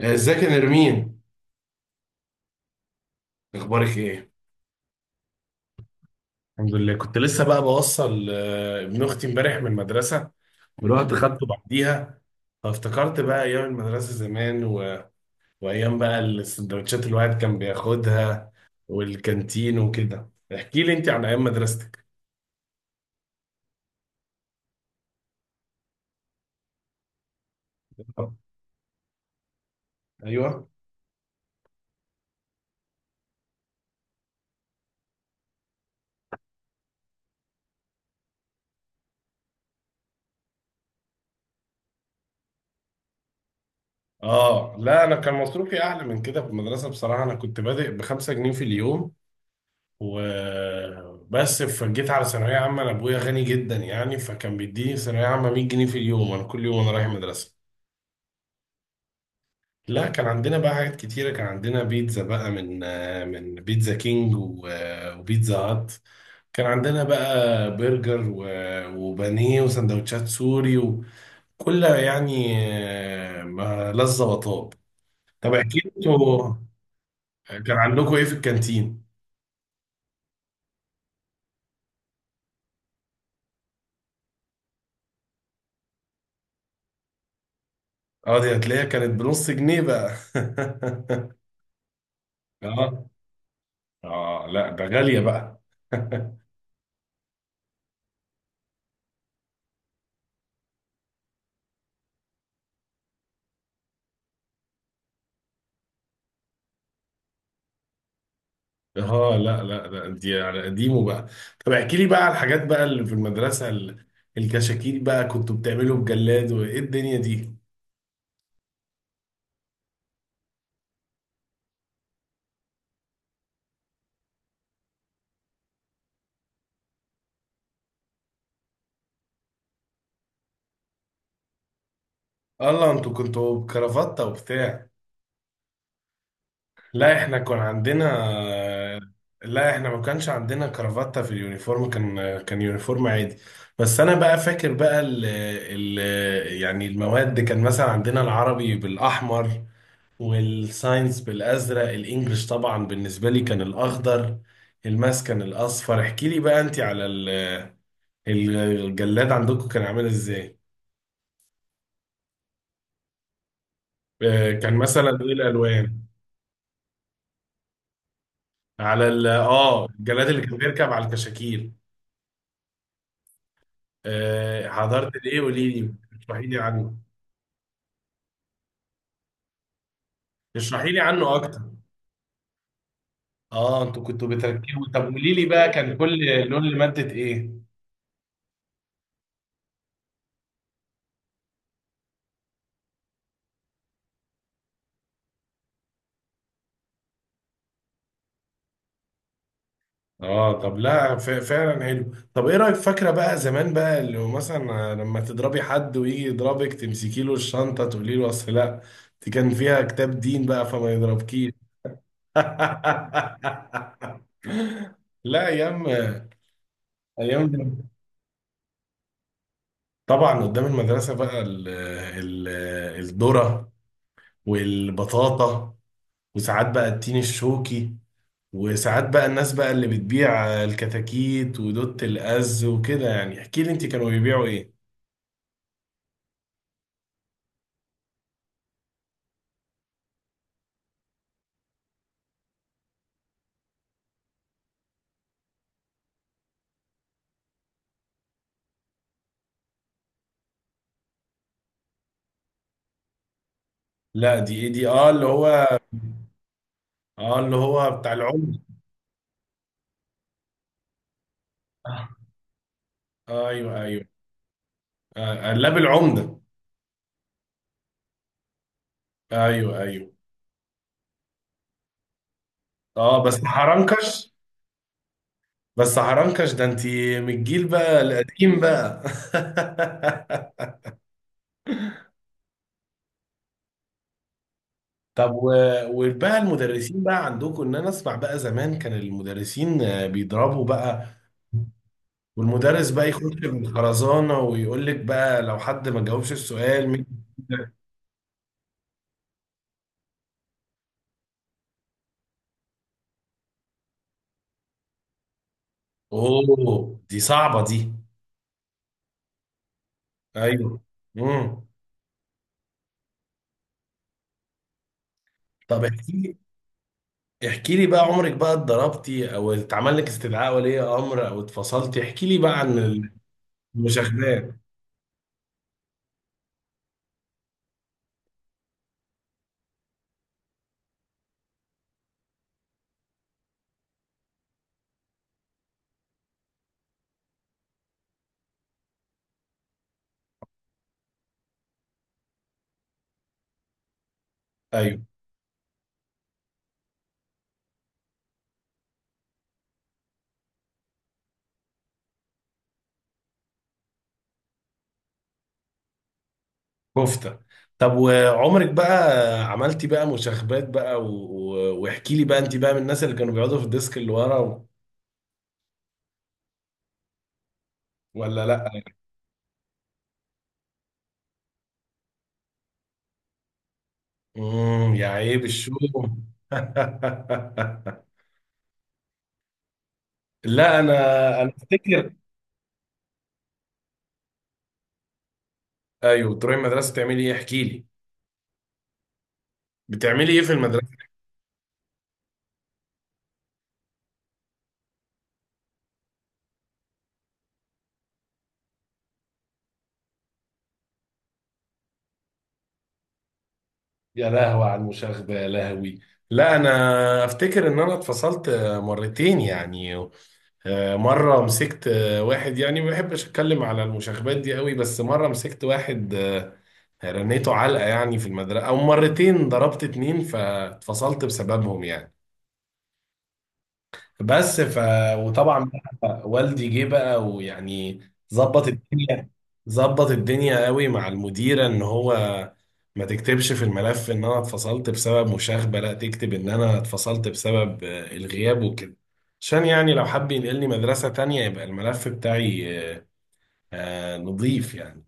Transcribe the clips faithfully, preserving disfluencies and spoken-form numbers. ازيك يا نرمين؟ اخبارك ايه؟ الحمد لله. كنت لسه بقى بوصل، آه، ابن اختي امبارح من المدرسه، ورحت مم. خدته بعديها. فافتكرت بقى ايام المدرسه زمان و... وايام بقى السندوتشات اللي الواحد كان بياخدها، والكانتين وكده. احكي لي انت عن ايام مدرستك. ايوه. اه لا، انا كان مصروفي اعلى من كده في المدرسه، بصراحه انا كنت بادئ بخمسة جنيه في اليوم وبس. فجيت على ثانوية عامة، أنا أبويا غني جدا يعني، فكان بيديني ثانوية عامة مية جنيه في اليوم، أنا كل يوم أنا رايح المدرسة. لا كان عندنا بقى حاجات كتيرة، كان عندنا بيتزا بقى، من آه، من بيتزا كينج و- آه، وبيتزا هات. كان عندنا بقى برجر و- وبانيه وسندوتشات سوري، وكلها يعني آه، ما لذة وطاب. طب احكي لي انتوا، كان عندكم ايه في الكانتين؟ اه، دي هتلاقيها كانت بنص جنيه بقى. اه. اه لا ده غالية بقى. اه لا لا لا، دي على قديمه بقى. طب احكي لي بقى على الحاجات بقى اللي في المدرسة، ال- الكشاكيل بقى، كنتوا بتعملوا بجلاد وايه الدنيا دي؟ الله، انتوا كنتوا بكرافتة وبتاع؟ لا احنا كان عندنا. لا احنا ما كانش عندنا كرافتة في اليونيفورم، كان كان يونيفورم عادي. بس انا بقى فاكر بقى، ال ال يعني المواد، كان مثلا عندنا العربي بالاحمر، والساينس بالازرق، الانجليش طبعا بالنسبه لي كان الاخضر، الماس كان الاصفر. احكي لي بقى انت على ال- ال- الجلاد عندكم كان عامل ازاي؟ آه، كان مثلا ايه الالوان؟ على ال- اه الجلاد اللي كان بيركب على الكشاكيل. آه، حضرت الايه، قولي لي اشرحي لي عنه. اشرحي لي عنه اكتر. اه انتوا كنتوا بتركبوا؟ طب قولي لي بقى، كان كل لون لمادة ايه؟ اه طب لا، ف- فعلا حلو. طب ايه رايك، فاكره بقى زمان بقى، اللي هو مثلا لما تضربي حد ويجي يضربك تمسكي له الشنطه تقولي له اصل لا، دي كان فيها كتاب دين بقى فما يضربكيش؟ لا، ايام ايام دي. طبعا قدام المدرسه بقى ال ال الذره، والبطاطا، وساعات بقى التين الشوكي، وساعات بقى الناس بقى اللي بتبيع الكتاكيت ودوت الأز وكده يعني. احكي لي انت، كانوا بيبيعوا ايه؟ لا دي ايه دي؟ اه اللي هو. اه اللي هو بتاع العمدة. آه ايوه ايوه. آه، قلاب العمدة. ايوه ايوه. اه، بس حرنكش. بس حرنكش ده، انت من الجيل بقى القديم بقى. طب و- وبقى المدرسين بقى عندكم، ان انا اسمع بقى زمان كان المدرسين آه، بيضربوا بقى، والمدرس بقى يخش بالخرزانة ويقول لك بقى لو حد ما جاوبش السؤال مين. اوه، دي صعبة دي. ايوه. امم. طب احكي احكي لي بقى عمرك بقى اتضربتي او اتعمل لك استدعاء ولي امر او اتفصلتي، احكي لي بقى عن المشاغبات. ايوه. كفته. طب وعمرك بقى عملتي بقى مشاغبات بقى و... و... واحكي لي بقى انت بقى من الناس اللي كانوا بيقعدوا في الديسك اللي ورا و... ولا لا؟ امم، يا عيب الشوم. لا انا انا افتكر. ايوه، تروحي المدرسه تعملي ايه؟ احكي لي، بتعملي ايه في المدرسه؟ يا لهوي على المشاغبة، يا لهوي. لا انا افتكر ان انا اتفصلت مرتين يعني. آه، مرة مسكت آه، واحد، يعني ما بحبش اتكلم على المشاغبات دي قوي، بس مرة مسكت واحد آه، رنيته علقة يعني في المدرسة، او مرتين ضربت اتنين فاتفصلت بسببهم يعني. بس ف وطبعا بقى والدي جه بقى ويعني ظبط الدنيا. ظبط الدنيا قوي مع المديره، ان هو ما تكتبش في الملف ان انا اتفصلت بسبب مشاغبه، لا تكتب ان انا اتفصلت بسبب آه، الغياب وكده، عشان يعني لو حب ينقلني مدرسه تانية يبقى الملف بتاعي آه، آه، نظيف يعني.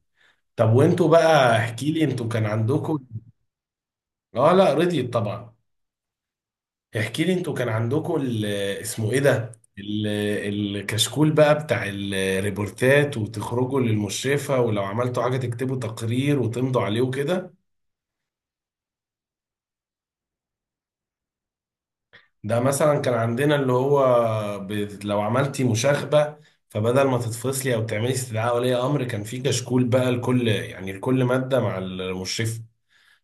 طب وانتوا بقى، احكي لي انتوا كان عندكم. اه لا، رضيت طبعا. احكي لي انتوا كان عندكم ال- اسمه ايه ده، ال- الكشكول بقى بتاع الريبورتات، وتخرجوا للمشرفة، ولو عملتوا حاجة تكتبوا تقرير وتمضوا عليه وكده. ده مثلا كان عندنا اللي هو، ب- لو عملتي مشاغبة، فبدل ما تتفصلي او تعملي استدعاء ولي امر، كان في كشكول بقى لكل يعني لكل مادة مع المشرفة،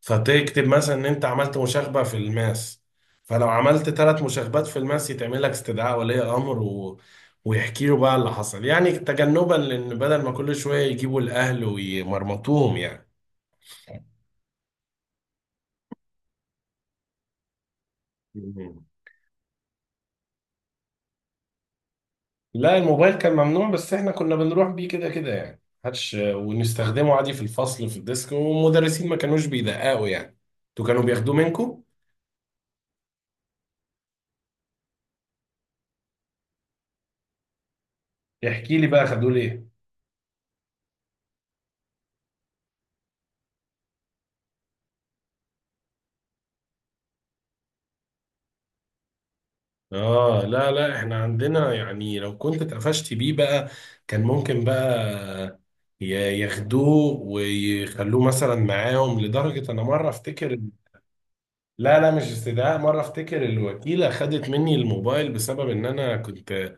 فتكتب مثلا ان انت عملت مشاغبة في الماس، فلو عملت ثلاث مشاغبات في الماس يتعمل لك استدعاء ولي امر، و... ويحكي له بقى اللي حصل يعني، تجنبا لان بدل ما كل شوية يجيبوا الاهل ويمرمطوهم يعني. مم. لا الموبايل كان ممنوع، بس احنا كنا بنروح بيه كده كده يعني هاتش، ونستخدمه عادي في الفصل في الديسك، والمدرسين ما كانوش بيدققوا يعني. انتوا كانوا بياخدوه منكم؟ احكي لي بقى خدوه ليه. اه لا لا، احنا عندنا يعني لو كنت اتقفشت بيه بقى كان ممكن بقى ي- ياخدوه ويخلوه مثلا معاهم، لدرجة انا مرة افتكر، لا لا مش استدعاء، مرة افتكر الوكيلة خدت مني الموبايل بسبب ان انا كنت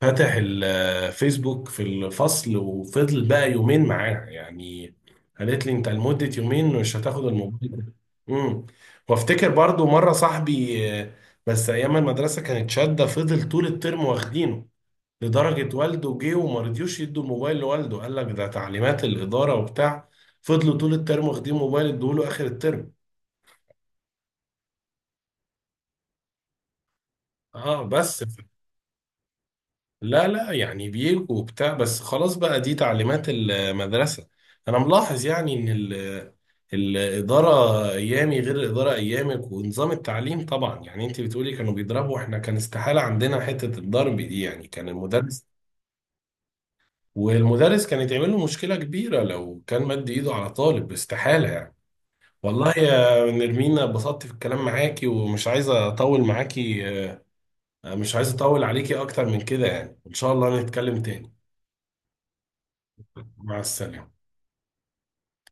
فاتح الفيسبوك في الفصل، وفضل بقى يومين معاها يعني، قالت لي انت لمدة يومين مش هتاخد الموبايل. امم. وافتكر برضو مرة صاحبي، آه، بس ايام المدرسة كانت شادة، فضل طول الترم واخدينه، لدرجة والده جه وما رضيوش يدوا الموبايل لوالده، قال لك ده تعليمات الإدارة وبتاع. فضلوا طول الترم واخدين موبايل، ادوه له آخر الترم. اه بس. لا لا يعني بيلكوا وبتاع، بس خلاص بقى دي تعليمات المدرسة. أنا ملاحظ يعني إن ال- الإدارة أيامي غير الإدارة أيامك، ونظام التعليم طبعا، يعني أنت بتقولي كانوا بيضربوا، إحنا كان استحالة عندنا حتة الضرب دي يعني، كان المدرس والمدرس كان يتعمل له مشكلة كبيرة لو كان مد إيده على طالب، استحالة يعني. والله يا نرمينا اتبسطت في الكلام معاكي، ومش عايزة أطول معاكي، مش عايز أطول عليكي أكتر من كده يعني، إن شاء الله نتكلم تاني. مع السلامة.